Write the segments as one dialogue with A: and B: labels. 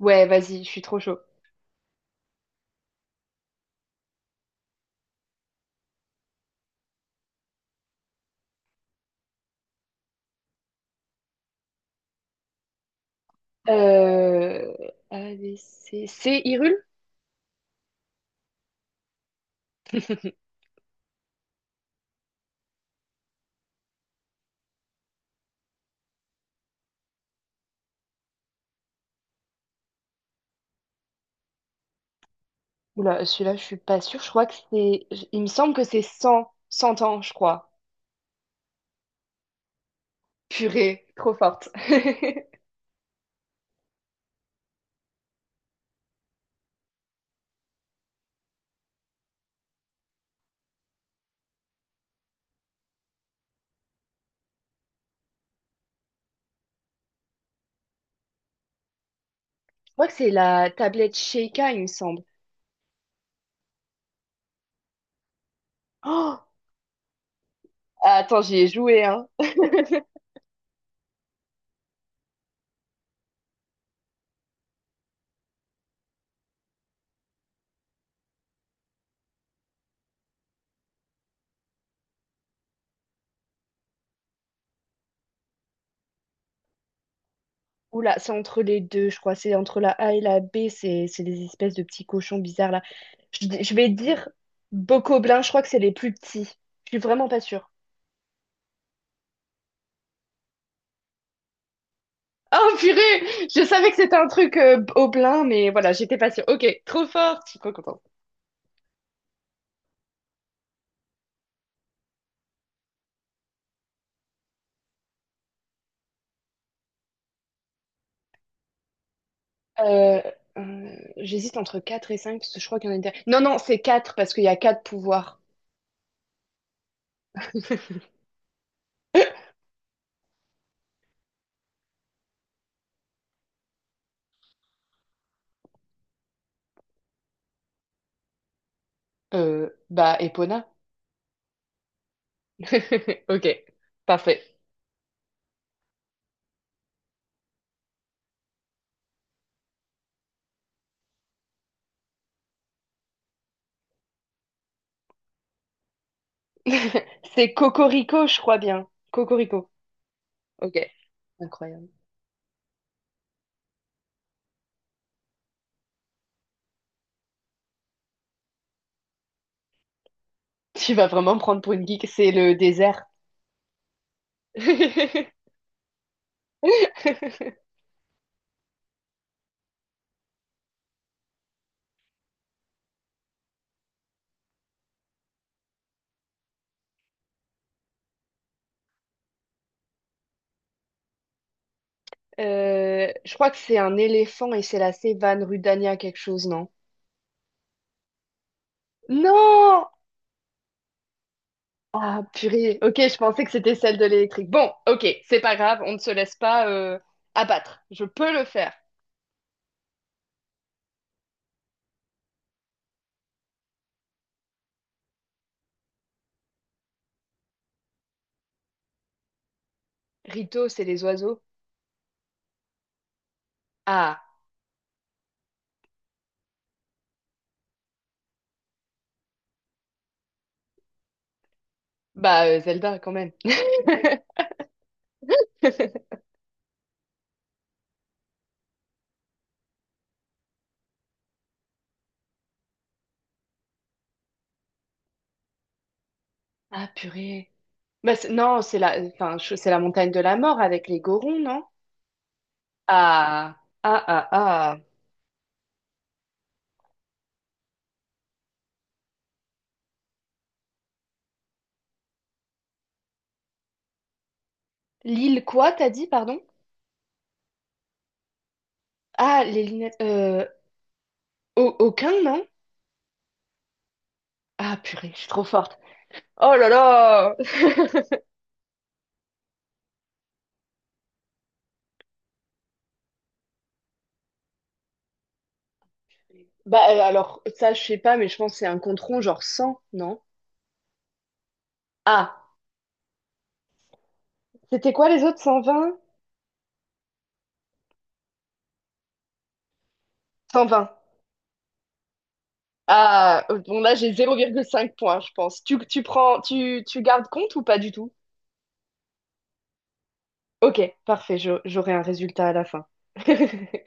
A: Ouais, vas-y, je suis trop chaud. Euh... A, B, C, Hyrule? Oula, celui-là, je suis pas sûre. Je crois que c'est. Il me semble que c'est cent ans, je crois. Purée, trop forte. Je crois que c'est la tablette Sheikah, il me semble. Oh! Attends, j'y ai joué, hein. Oula, c'est entre les deux, je crois. C'est entre la A et la B. C'est des espèces de petits cochons bizarres, là. Je vais dire Bokoblin, je crois que c'est les plus petits. Je suis vraiment pas sûre. Oh purée, je savais que c'était un truc au plein, mais voilà, j'étais pas sûre. Ok, trop fort, je suis trop contente. Euh, J'hésite entre quatre et 5, parce que je crois qu'il y en a une dernière. Non, non, c'est 4 parce qu'il y a quatre pouvoirs. Bah, Epona. Ok, parfait. C'est Cocorico, je crois bien. Cocorico. Ok, incroyable. Tu vas vraiment me prendre pour une geek, c'est le désert. Je crois que c'est un éléphant et c'est la savane Rudania quelque chose, non? Non! Ah, purée. Ok, je pensais que c'était celle de l'électrique. Bon, ok, c'est pas grave, on ne se laisse pas abattre. Je peux le faire. Rito, c'est les oiseaux. Ah, bah Zelda quand même. Ah, purée. Bah, non, enfin, c'est la montagne de la mort avec les Gorons, non? Ah, ah, ah, ah. L'île quoi, t'as dit, pardon? Ah, les lunettes. Aucun, non? Ah, purée, je suis trop forte. Oh là là! Bah alors, ça, je sais pas, mais je pense que c'est un compte rond, genre 100 non? Ah, c'était quoi les autres? 120. 120. Ah, bon là, j'ai 0,5 points, je pense. Tu prends, tu gardes compte ou pas du tout? Ok, parfait, j'aurai un résultat à la fin.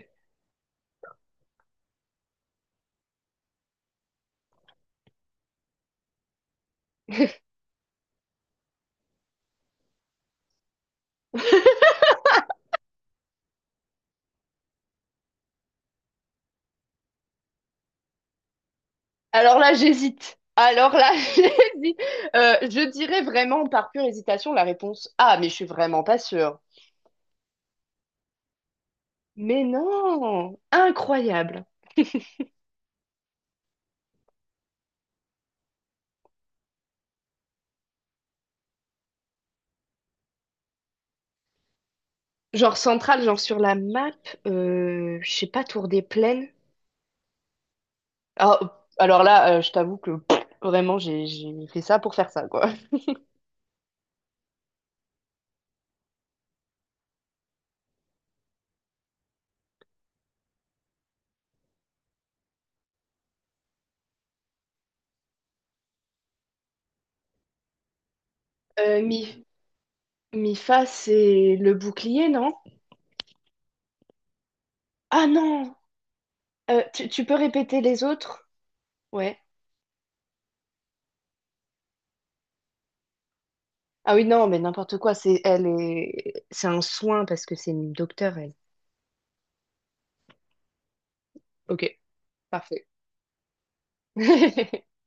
A: Alors là, j'hésite. Alors là, j'hésite. Je dirais vraiment par pure hésitation la réponse. Ah, mais je suis vraiment pas sûre. Mais non! Incroyable. Genre centrale, genre sur la map, je sais pas, Tour des Plaines. Alors là, je t'avoue que pff, vraiment, j'ai fait ça pour faire ça, quoi. Euh, mi, mi fa, c'est le bouclier, non? Ah non! Tu peux répéter les autres? Ouais. Ah oui, non, mais n'importe quoi. C'est un soin parce que c'est une docteure, elle. Ok, parfait.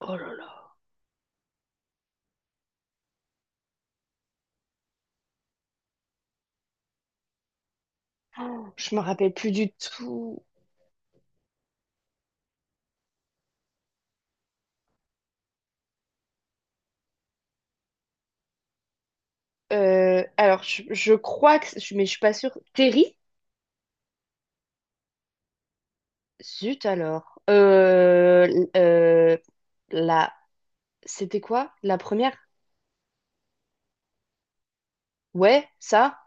A: Oh là là. Oh, je me rappelle plus du tout. Alors, je crois que, mais je suis pas sûre. Terry? Zut alors. Euh, la C'était quoi? La première? Ouais, ça?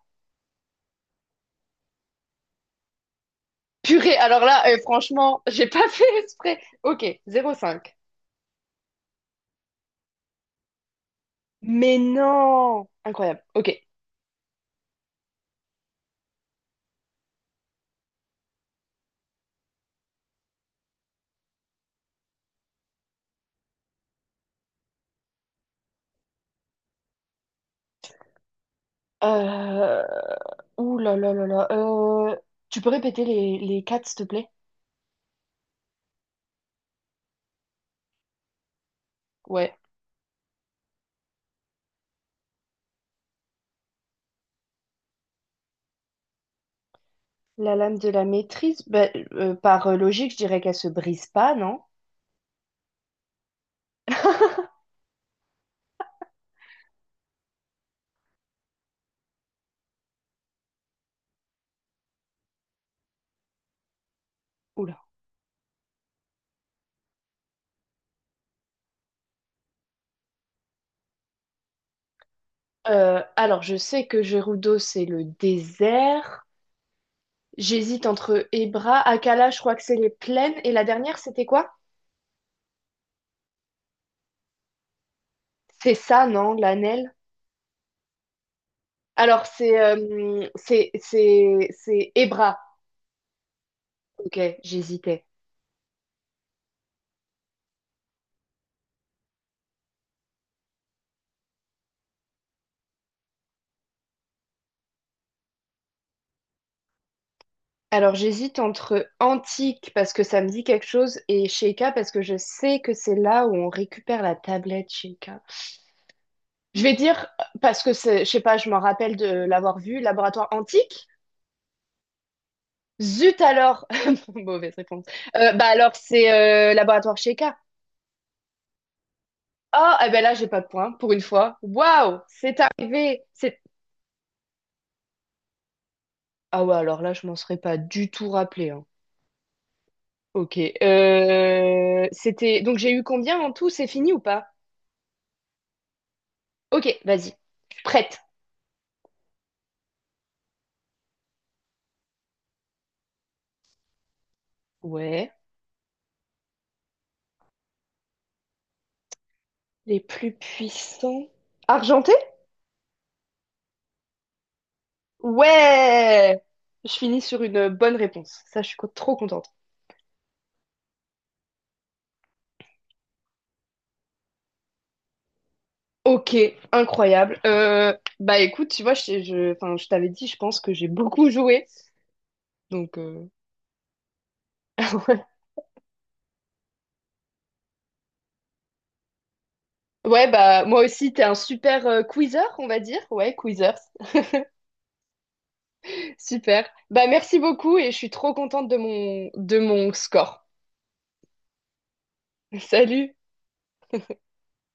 A: Purée, alors là, franchement, j'ai pas fait exprès. Ok, 0,5. Mais non! Incroyable. Ok. Euh... Ouh là là là là. Tu peux répéter les quatre, s'il te plaît? Ouais. La lame de la maîtrise, bah, par logique, je dirais qu'elle se brise pas, non? Oula. Alors, je sais que Gerudo, c'est le désert. J'hésite entre Ebra, Akala, je crois que c'est les plaines. Et la dernière, c'était quoi? C'est ça, non? L'Anel? Alors, c'est Hébra. Ok, j'hésitais. Alors, j'hésite entre Antique parce que ça me dit quelque chose et Sheikah parce que je sais que c'est là où on récupère la tablette Sheikah. Je vais dire parce que c'est, je sais pas, je m'en rappelle de l'avoir vu, Laboratoire Antique. Zut alors, mauvaise réponse. Bah alors c'est Laboratoire Sheikah. Ah, eh ben là j'ai pas de point pour une fois. Waouh, c'est arrivé. C'est ah ouais alors là je m'en serais pas du tout rappelé, hein. Ok. C'était donc j'ai eu combien en tout? C'est fini ou pas? Ok, vas-y. Prête. Ouais. Les plus puissants. Argenté? Ouais. Je finis sur une bonne réponse. Ça, je suis trop contente. Ok, incroyable. Bah écoute, tu vois, enfin, je t'avais dit, je pense que j'ai beaucoup joué. Donc ouais. Ouais, bah moi aussi, t'es un super quizzer, on va dire. Ouais, quizzer. Super. Bah merci beaucoup et je suis trop contente de mon score. Salut!